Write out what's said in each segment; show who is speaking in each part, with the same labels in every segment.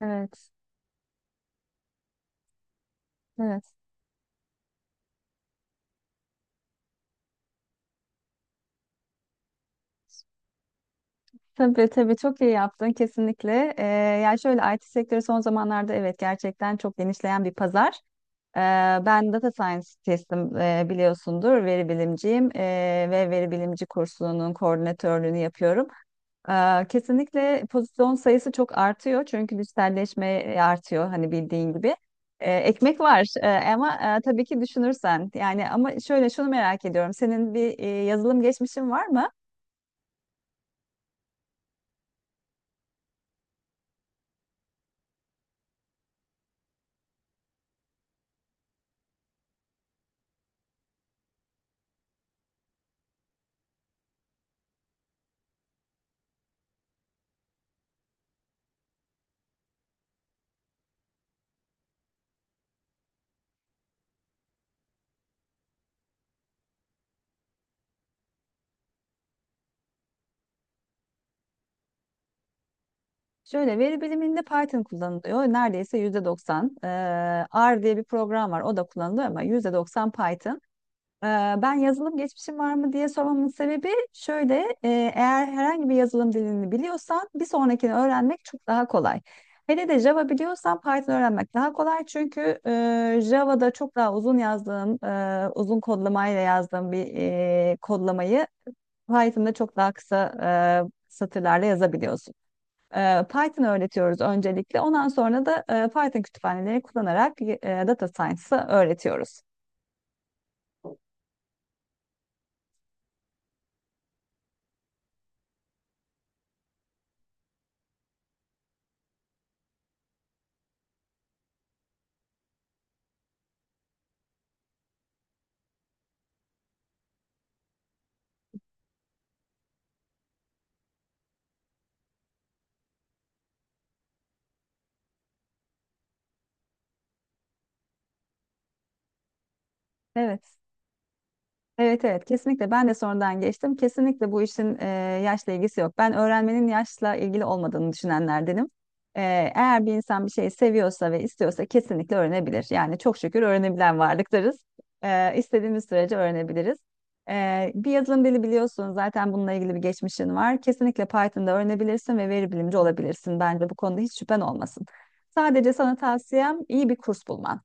Speaker 1: Evet, evet. Tabii tabii çok iyi yaptın kesinlikle. Yani şöyle, IT sektörü son zamanlarda, evet, gerçekten çok genişleyen bir pazar. Ee, Ben data scientist'im, biliyorsundur, veri bilimciyim, ve veri bilimci kursunun koordinatörlüğünü yapıyorum. Kesinlikle pozisyon sayısı çok artıyor çünkü dijitalleşme artıyor, hani bildiğin gibi. Ekmek var. Ama tabii ki düşünürsen, yani, ama şöyle, şunu merak ediyorum: senin bir yazılım geçmişin var mı? Şöyle, veri biliminde Python kullanılıyor. Neredeyse %90. R diye bir program var. O da kullanılıyor, ama %90 Python. Ee, Ben yazılım geçmişim var mı diye sormamın sebebi şöyle: e, eğer herhangi bir yazılım dilini biliyorsan, bir sonrakini öğrenmek çok daha kolay. Hele de Java biliyorsan Python öğrenmek daha kolay, çünkü Java'da çok daha uzun yazdığım, uzun kodlamayla yazdığım bir kodlamayı Python'da çok daha kısa satırlarla yazabiliyorsun. Python öğretiyoruz öncelikle. Ondan sonra da Python kütüphaneleri kullanarak data science'ı öğretiyoruz. Evet. Evet evet, kesinlikle ben de sonradan geçtim. Kesinlikle bu işin yaşla ilgisi yok. Ben öğrenmenin yaşla ilgili olmadığını düşünenlerdenim. E, Eğer bir insan bir şeyi seviyorsa ve istiyorsa kesinlikle öğrenebilir. Yani çok şükür öğrenebilen varlıklarız. İstediğimiz sürece öğrenebiliriz. Bir yazılım dili biliyorsun zaten, bununla ilgili bir geçmişin var. Kesinlikle Python'da öğrenebilirsin ve veri bilimci olabilirsin. Bence bu konuda hiç şüphen olmasın. Sadece sana tavsiyem, iyi bir kurs bulman.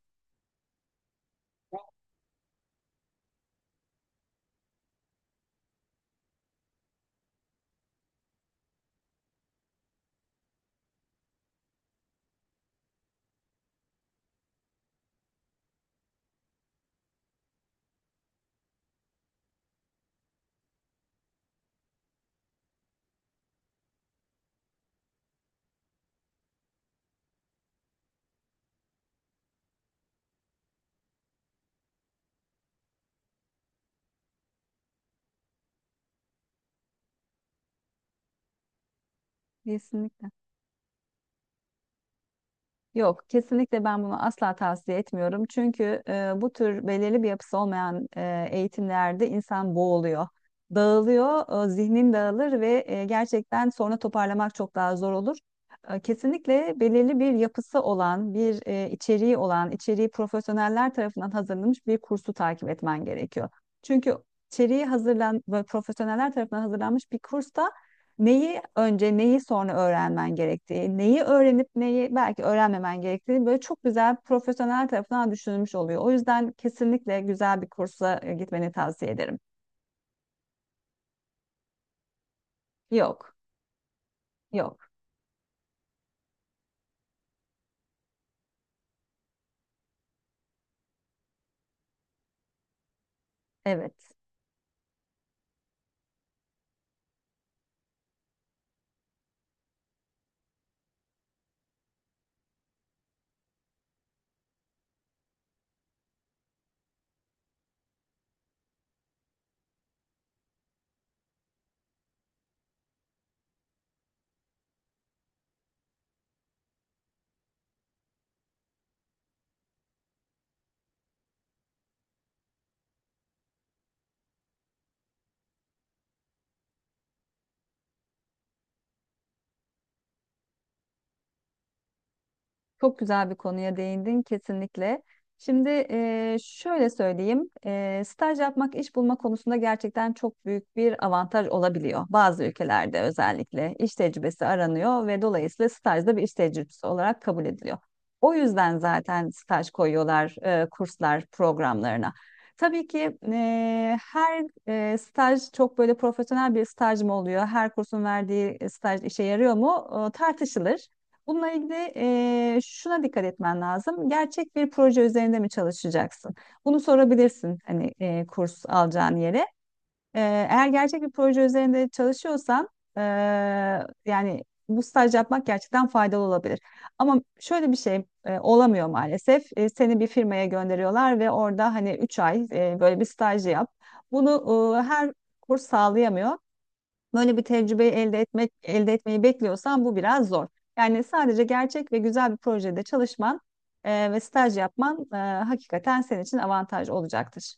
Speaker 1: Kesinlikle. Yok, kesinlikle ben bunu asla tavsiye etmiyorum. Çünkü bu tür belirli bir yapısı olmayan eğitimlerde insan boğuluyor, dağılıyor, zihnin dağılır ve gerçekten sonra toparlamak çok daha zor olur. Kesinlikle belirli bir yapısı olan, bir içeriği olan, içeriği profesyoneller tarafından hazırlanmış bir kursu takip etmen gerekiyor. Çünkü içeriği hazırlan ve profesyoneller tarafından hazırlanmış bir kursta neyi önce neyi sonra öğrenmen gerektiği, neyi öğrenip neyi belki öğrenmemen gerektiği böyle çok güzel, profesyonel tarafından düşünülmüş oluyor. O yüzden kesinlikle güzel bir kursa gitmeni tavsiye ederim. Yok, yok. Evet. Çok güzel bir konuya değindin kesinlikle. Şimdi, şöyle söyleyeyim: staj yapmak iş bulma konusunda gerçekten çok büyük bir avantaj olabiliyor. Bazı ülkelerde özellikle iş tecrübesi aranıyor ve dolayısıyla staj da bir iş tecrübesi olarak kabul ediliyor. O yüzden zaten staj koyuyorlar kurslar programlarına. Tabii ki her staj çok böyle profesyonel bir staj mı oluyor? Her kursun verdiği staj işe yarıyor mu? Tartışılır. Bununla ilgili şuna dikkat etmen lazım: gerçek bir proje üzerinde mi çalışacaksın? Bunu sorabilirsin, hani kurs alacağın yere. Eğer gerçek bir proje üzerinde çalışıyorsan, eee, yani, bu staj yapmak gerçekten faydalı olabilir. Ama şöyle bir şey olamıyor maalesef. Seni bir firmaya gönderiyorlar ve orada, hani, 3 ay böyle bir staj yap. Bunu her kurs sağlayamıyor. Böyle bir tecrübeyi elde etmek, elde etmeyi bekliyorsan, bu biraz zor. Yani sadece gerçek ve güzel bir projede çalışman ve staj yapman hakikaten senin için avantaj olacaktır.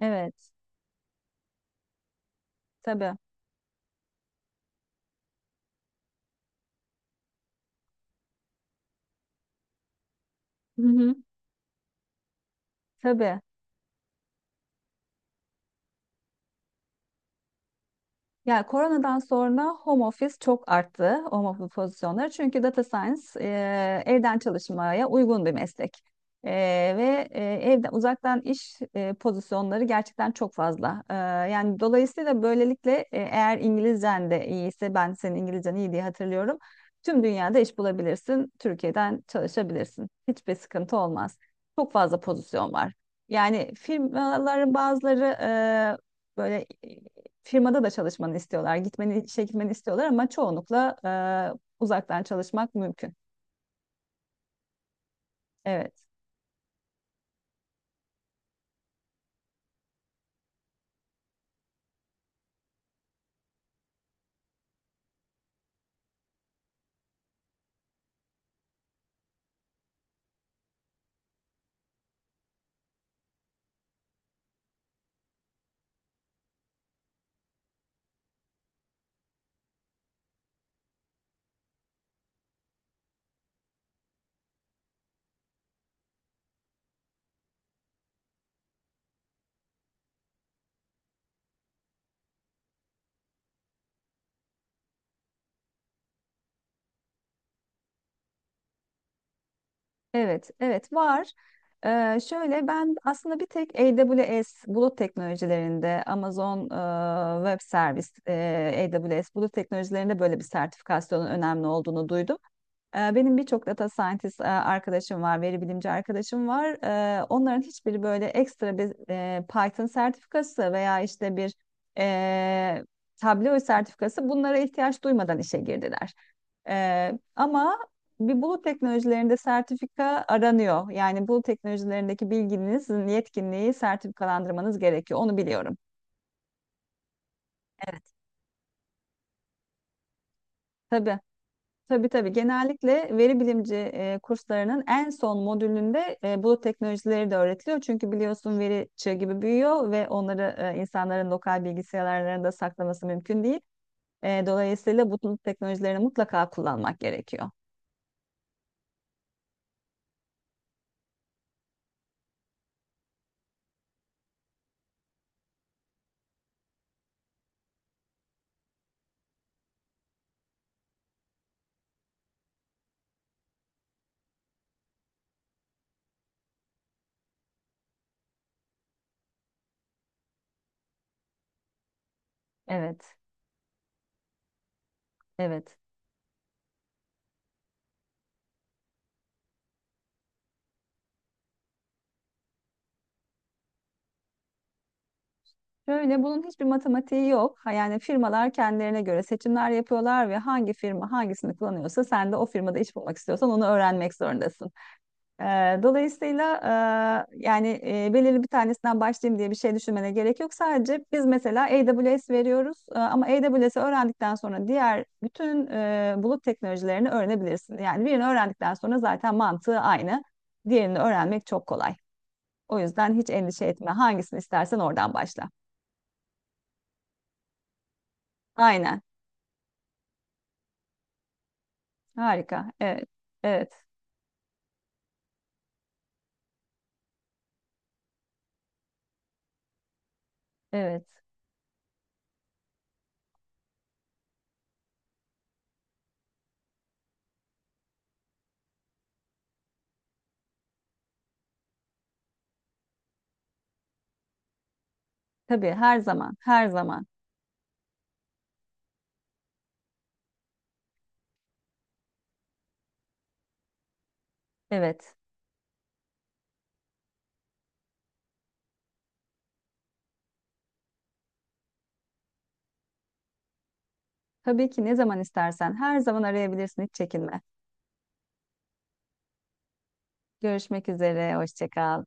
Speaker 1: Evet, tabii. Hı hı. Tabii. Ya, koronadan sonra home office çok arttı, home office pozisyonları. Çünkü data science evden çalışmaya uygun bir meslek. E, Ve evden uzaktan iş pozisyonları gerçekten çok fazla. Yani dolayısıyla, böylelikle eğer İngilizcen de iyiyse, ben senin İngilizcen iyi diye hatırlıyorum. Tüm dünyada iş bulabilirsin, Türkiye'den çalışabilirsin. Hiçbir sıkıntı olmaz. Çok fazla pozisyon var. Yani firmaların bazıları böyle firmada da çalışmanı istiyorlar. Gitmeni, işe gitmeni istiyorlar, ama çoğunlukla uzaktan çalışmak mümkün. Evet, evet, evet var. Şöyle, ben aslında bir tek AWS bulut teknolojilerinde, Amazon Web Service, AWS bulut teknolojilerinde böyle bir sertifikasyonun önemli olduğunu duydum. Benim birçok data scientist arkadaşım var, veri bilimci arkadaşım var. Onların hiçbiri böyle ekstra bir Python sertifikası veya işte bir eee Tableau sertifikası, bunlara ihtiyaç duymadan işe girdiler. Ama bir, bulut teknolojilerinde sertifika aranıyor. Yani bulut teknolojilerindeki bilginizin yetkinliği sertifikalandırmanız gerekiyor. Onu biliyorum. Evet. Tabii. Tabii tabii. Genellikle veri bilimci kurslarının en son modülünde bulut teknolojileri de öğretiliyor. Çünkü biliyorsun, veri çığ gibi büyüyor ve onları insanların lokal bilgisayarlarında saklaması mümkün değil. Dolayısıyla bu bulut teknolojilerini mutlaka kullanmak gerekiyor. Evet. Evet. Şöyle, bunun hiçbir matematiği yok. Ha, yani firmalar kendilerine göre seçimler yapıyorlar ve hangi firma hangisini kullanıyorsa, sen de o firmada iş bulmak istiyorsan onu öğrenmek zorundasın. Ee, Dolayısıyla, yani, belirli bir tanesinden başlayayım diye bir şey düşünmene gerek yok. Sadece biz mesela AWS veriyoruz, ama AWS'i öğrendikten sonra diğer bütün bulut teknolojilerini öğrenebilirsin. Yani birini öğrendikten sonra zaten mantığı aynı. Diğerini öğrenmek çok kolay. O yüzden hiç endişe etme. Hangisini istersen oradan başla. Aynen. Harika. Evet. Evet. Evet. Tabii, her zaman. Her zaman. Evet. Tabii ki, ne zaman istersen her zaman arayabilirsin. Hiç çekinme. Görüşmek üzere. Hoşça kal.